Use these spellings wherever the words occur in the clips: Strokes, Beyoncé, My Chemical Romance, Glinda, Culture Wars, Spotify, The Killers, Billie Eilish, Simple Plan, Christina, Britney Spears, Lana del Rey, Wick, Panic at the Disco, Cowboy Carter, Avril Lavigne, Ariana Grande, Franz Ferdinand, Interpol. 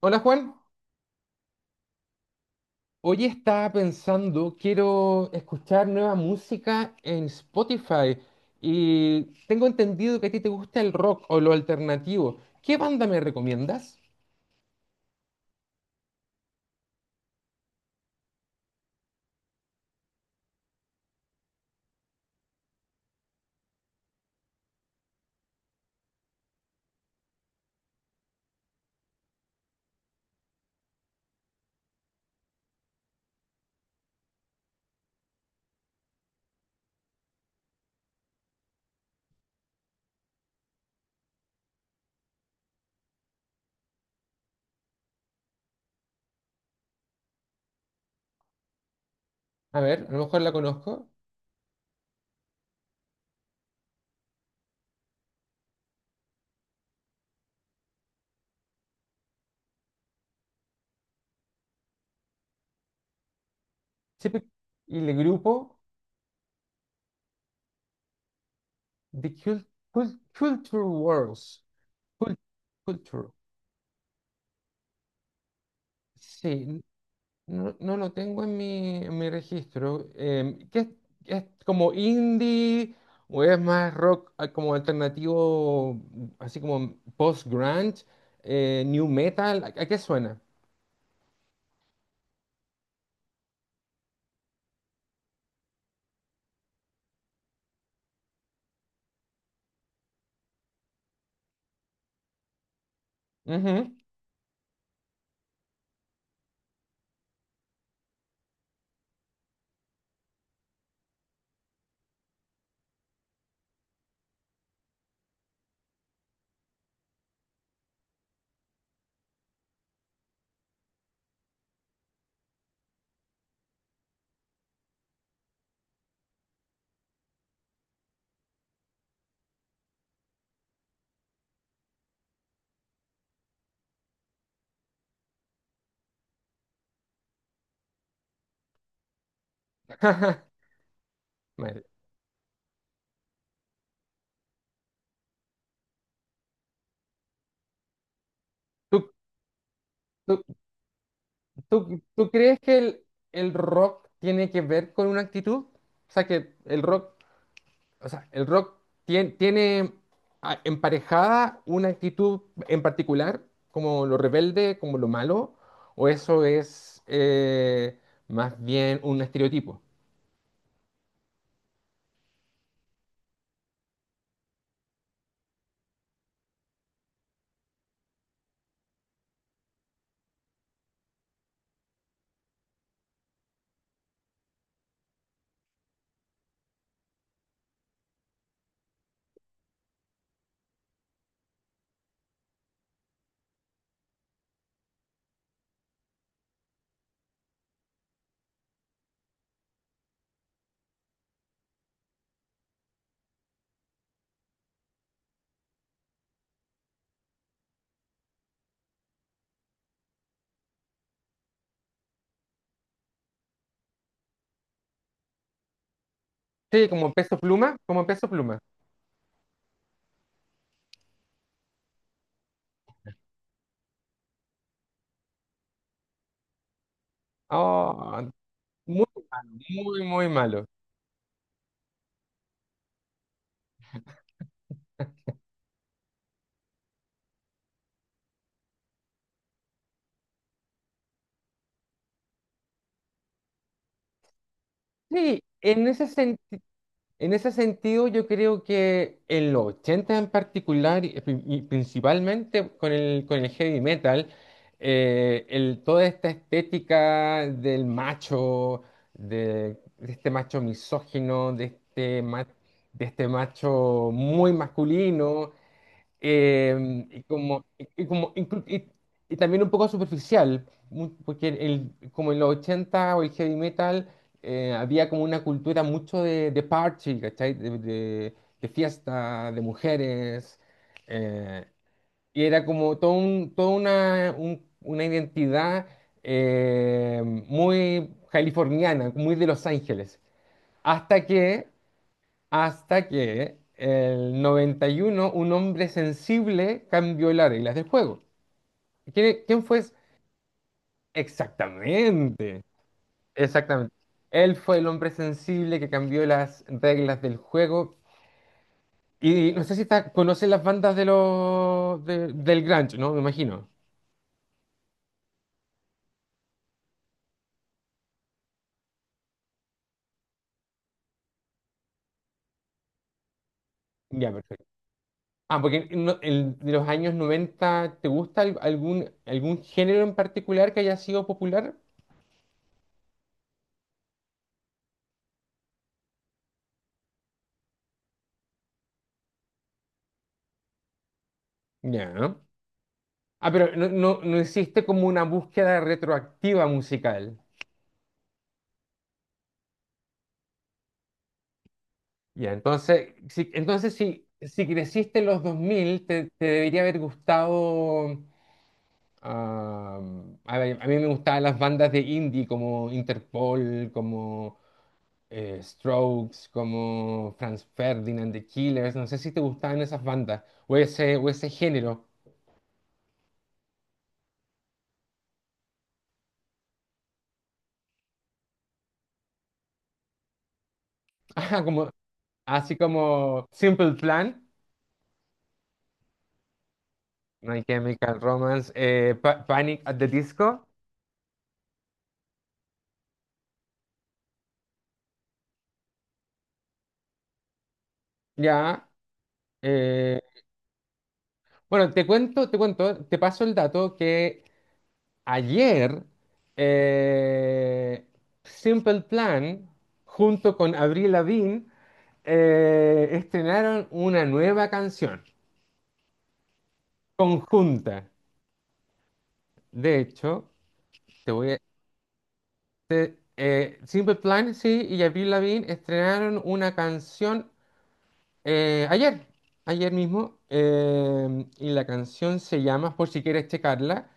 Hola Juan, hoy estaba pensando, quiero escuchar nueva música en Spotify y tengo entendido que a ti te gusta el rock o lo alternativo. ¿Qué banda me recomiendas? A ver, a lo mejor la conozco. Siempre- Y el grupo The Culture Wars. Cul- Culture. Sí. No, lo tengo en mi registro. ¿Qué es como indie o es más rock, como alternativo, así como post-grunge, new metal? ¿A qué suena? Ujú. Vale. ¿Tú, tú- tú crees que el rock tiene que ver con una actitud? O sea, el rock tiene emparejada una actitud en particular, como lo rebelde, como lo malo, o eso es, más bien un estereotipo. Sí, como Peso Pluma, como Peso Pluma. Oh, muy malo, muy, muy malo. Sí, en ese sentido. En ese sentido, yo creo que en los 80 en particular, y principalmente con el, heavy metal, toda esta estética del macho, de este macho misógino, de este macho muy masculino, y como inclu- y también un poco superficial, porque como en los 80 o el heavy metal había como una cultura mucho de party, ¿cachai? De fiesta, de mujeres, eh, y era como todo un, toda una, un- una identidad, muy californiana, muy de Los Ángeles, hasta que hasta que el 91 un hombre sensible cambió las reglas del juego. ¿Quién fue? Exactamente, exactamente. Él fue el hombre sensible que cambió las reglas del juego. Y no sé si conoce las bandas del grunge, ¿no? Me imagino. Ya, perfecto. Ah, porque de los años noventa, ¿te gusta algún género en particular que haya sido popular? Ya. Ah, pero no hiciste como una búsqueda retroactiva musical. Ya, entonces si creciste en los 2000, te debería haber gustado. ah, a ver, a mí me gustaban las bandas de indie como Interpol, como Strokes, como Franz Ferdinand, The Killers. No sé si te gustaban esas bandas o ese género. Ajá, así como Simple Plan, My Chemical Romance, Panic at the Disco. Ya, eh, bueno, te cuento, te paso el dato que ayer, eh, Simple Plan junto con Avril Lavigne estrenaron una nueva canción conjunta. De hecho, te voy a, te- Simple Plan, sí, y Avril Lavigne estrenaron una canción ayer, ayer mismo, y la canción se llama, por si quieres checarla.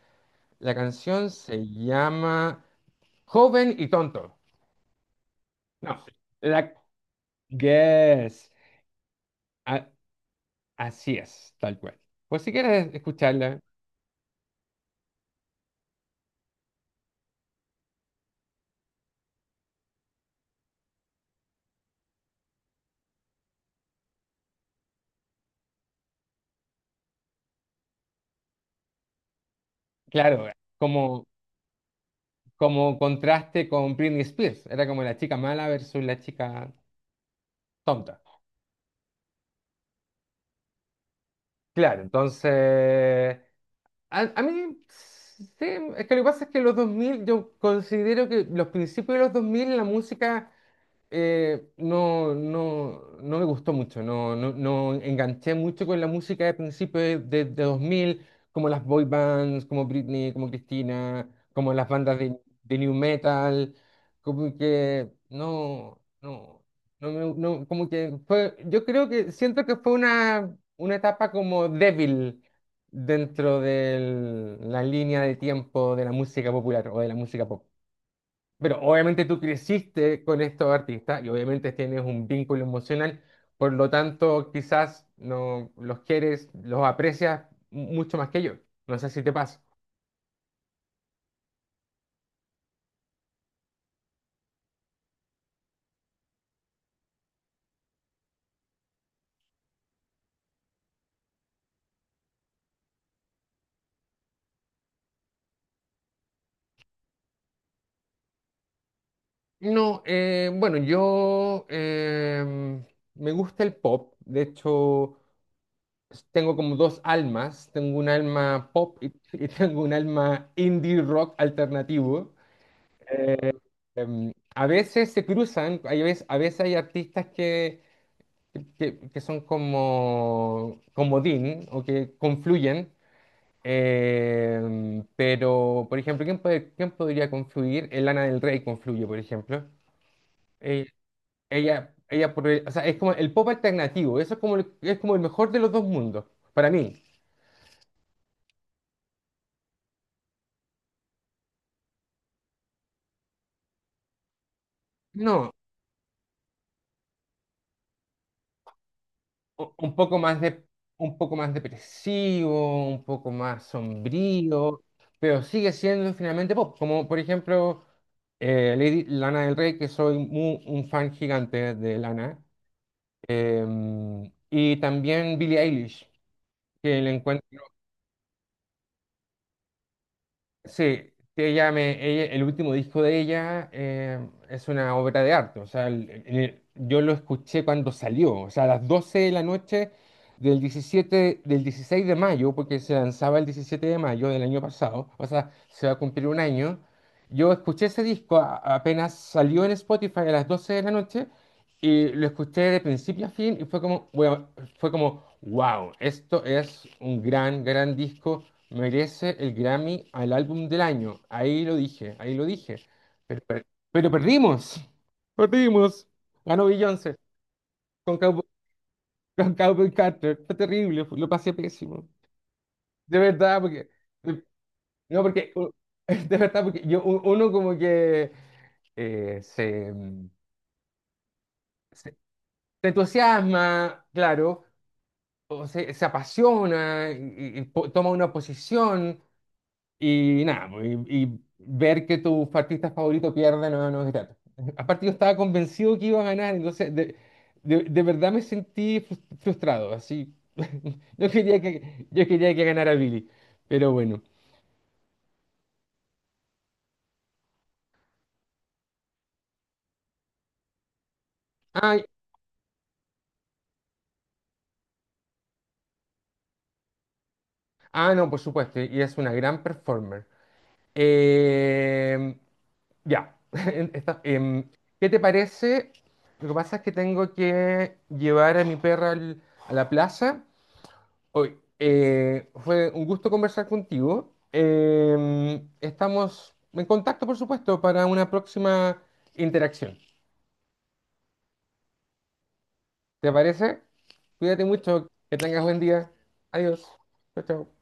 La canción se llama Joven y Tonto. No, la Yes. A- Así es, tal cual. Pues si quieres escucharla, claro, como, como contraste con Britney Spears. Era como la chica mala versus la chica tonta. Claro, entonces. A mí. Sí, es que lo que pasa es que los 2000, yo considero que los principios de los 2000 la música, no me gustó mucho, no enganché mucho con la música de principios de 2000, como las boy bands, como Britney, como Christina, como las bandas de new metal, como que no, como que fue, yo creo que siento que fue una etapa como débil dentro de la línea de tiempo de la música popular o de la música pop. Pero obviamente tú creciste con estos artistas y obviamente tienes un vínculo emocional, por lo tanto quizás no los quieres, los aprecias mucho más que yo. No sé si te pasa. No, bueno, yo me gusta el pop. De hecho, tengo como dos almas. Tengo un alma pop, y, y tengo un alma indie rock alternativo. Eh, a veces se cruzan, a veces hay artistas que son como comodín o que confluyen. Pero, por ejemplo, quién podría confluir? El Lana del Rey confluye, por ejemplo. Eh, ella, o sea, es como el pop alternativo, eso es como el mejor de los dos mundos, para mí. No, u- un poco más de, un poco más depresivo, un poco más sombrío, pero sigue siendo finalmente pop, como por ejemplo, Lady Lana del Rey, que soy un fan gigante de Lana, y también Billie Eilish, que le encuentro. Sí, te llame, el último disco de ella es una obra de arte, o sea, yo lo escuché cuando salió, o sea, a las 12 de la noche del 17, del 16 de mayo, porque se lanzaba el 17 de mayo del año pasado, o sea, se va a cumplir un año, yo escuché ese disco apenas salió en Spotify a las 12 de la noche, y lo escuché de principio a fin y bueno, fue como, wow, esto es un gran, gran disco. Merece el Grammy al álbum del año. Ahí lo dije, ahí lo dije. Pero perdimos. Perdimos. Ganó Beyoncé con Cowboy, con Cowboy Carter. Fue terrible, lo pasé pésimo. De verdad, porque. No, porque. De verdad, porque uno como que eh, se, se- se entusiasma, claro, o se apasiona, y, toma una posición. Y nada, pues, y ver que tu artista favorito pierde, no es grato. Aparte yo estaba convencido que iba a ganar, entonces de verdad me sentí frustrado, así. Yo quería que ganara Billy, pero bueno. Ay, no, por supuesto, y es una gran performer. Eh, ya. Esta- em, ¿qué te parece? Lo que pasa es que tengo que llevar a mi perra a la plaza. Hoy, fue un gusto conversar contigo. Estamos en contacto, por supuesto, para una próxima interacción. ¿Te parece? Cuídate mucho, que tengas buen día. Adiós. Chao, chao.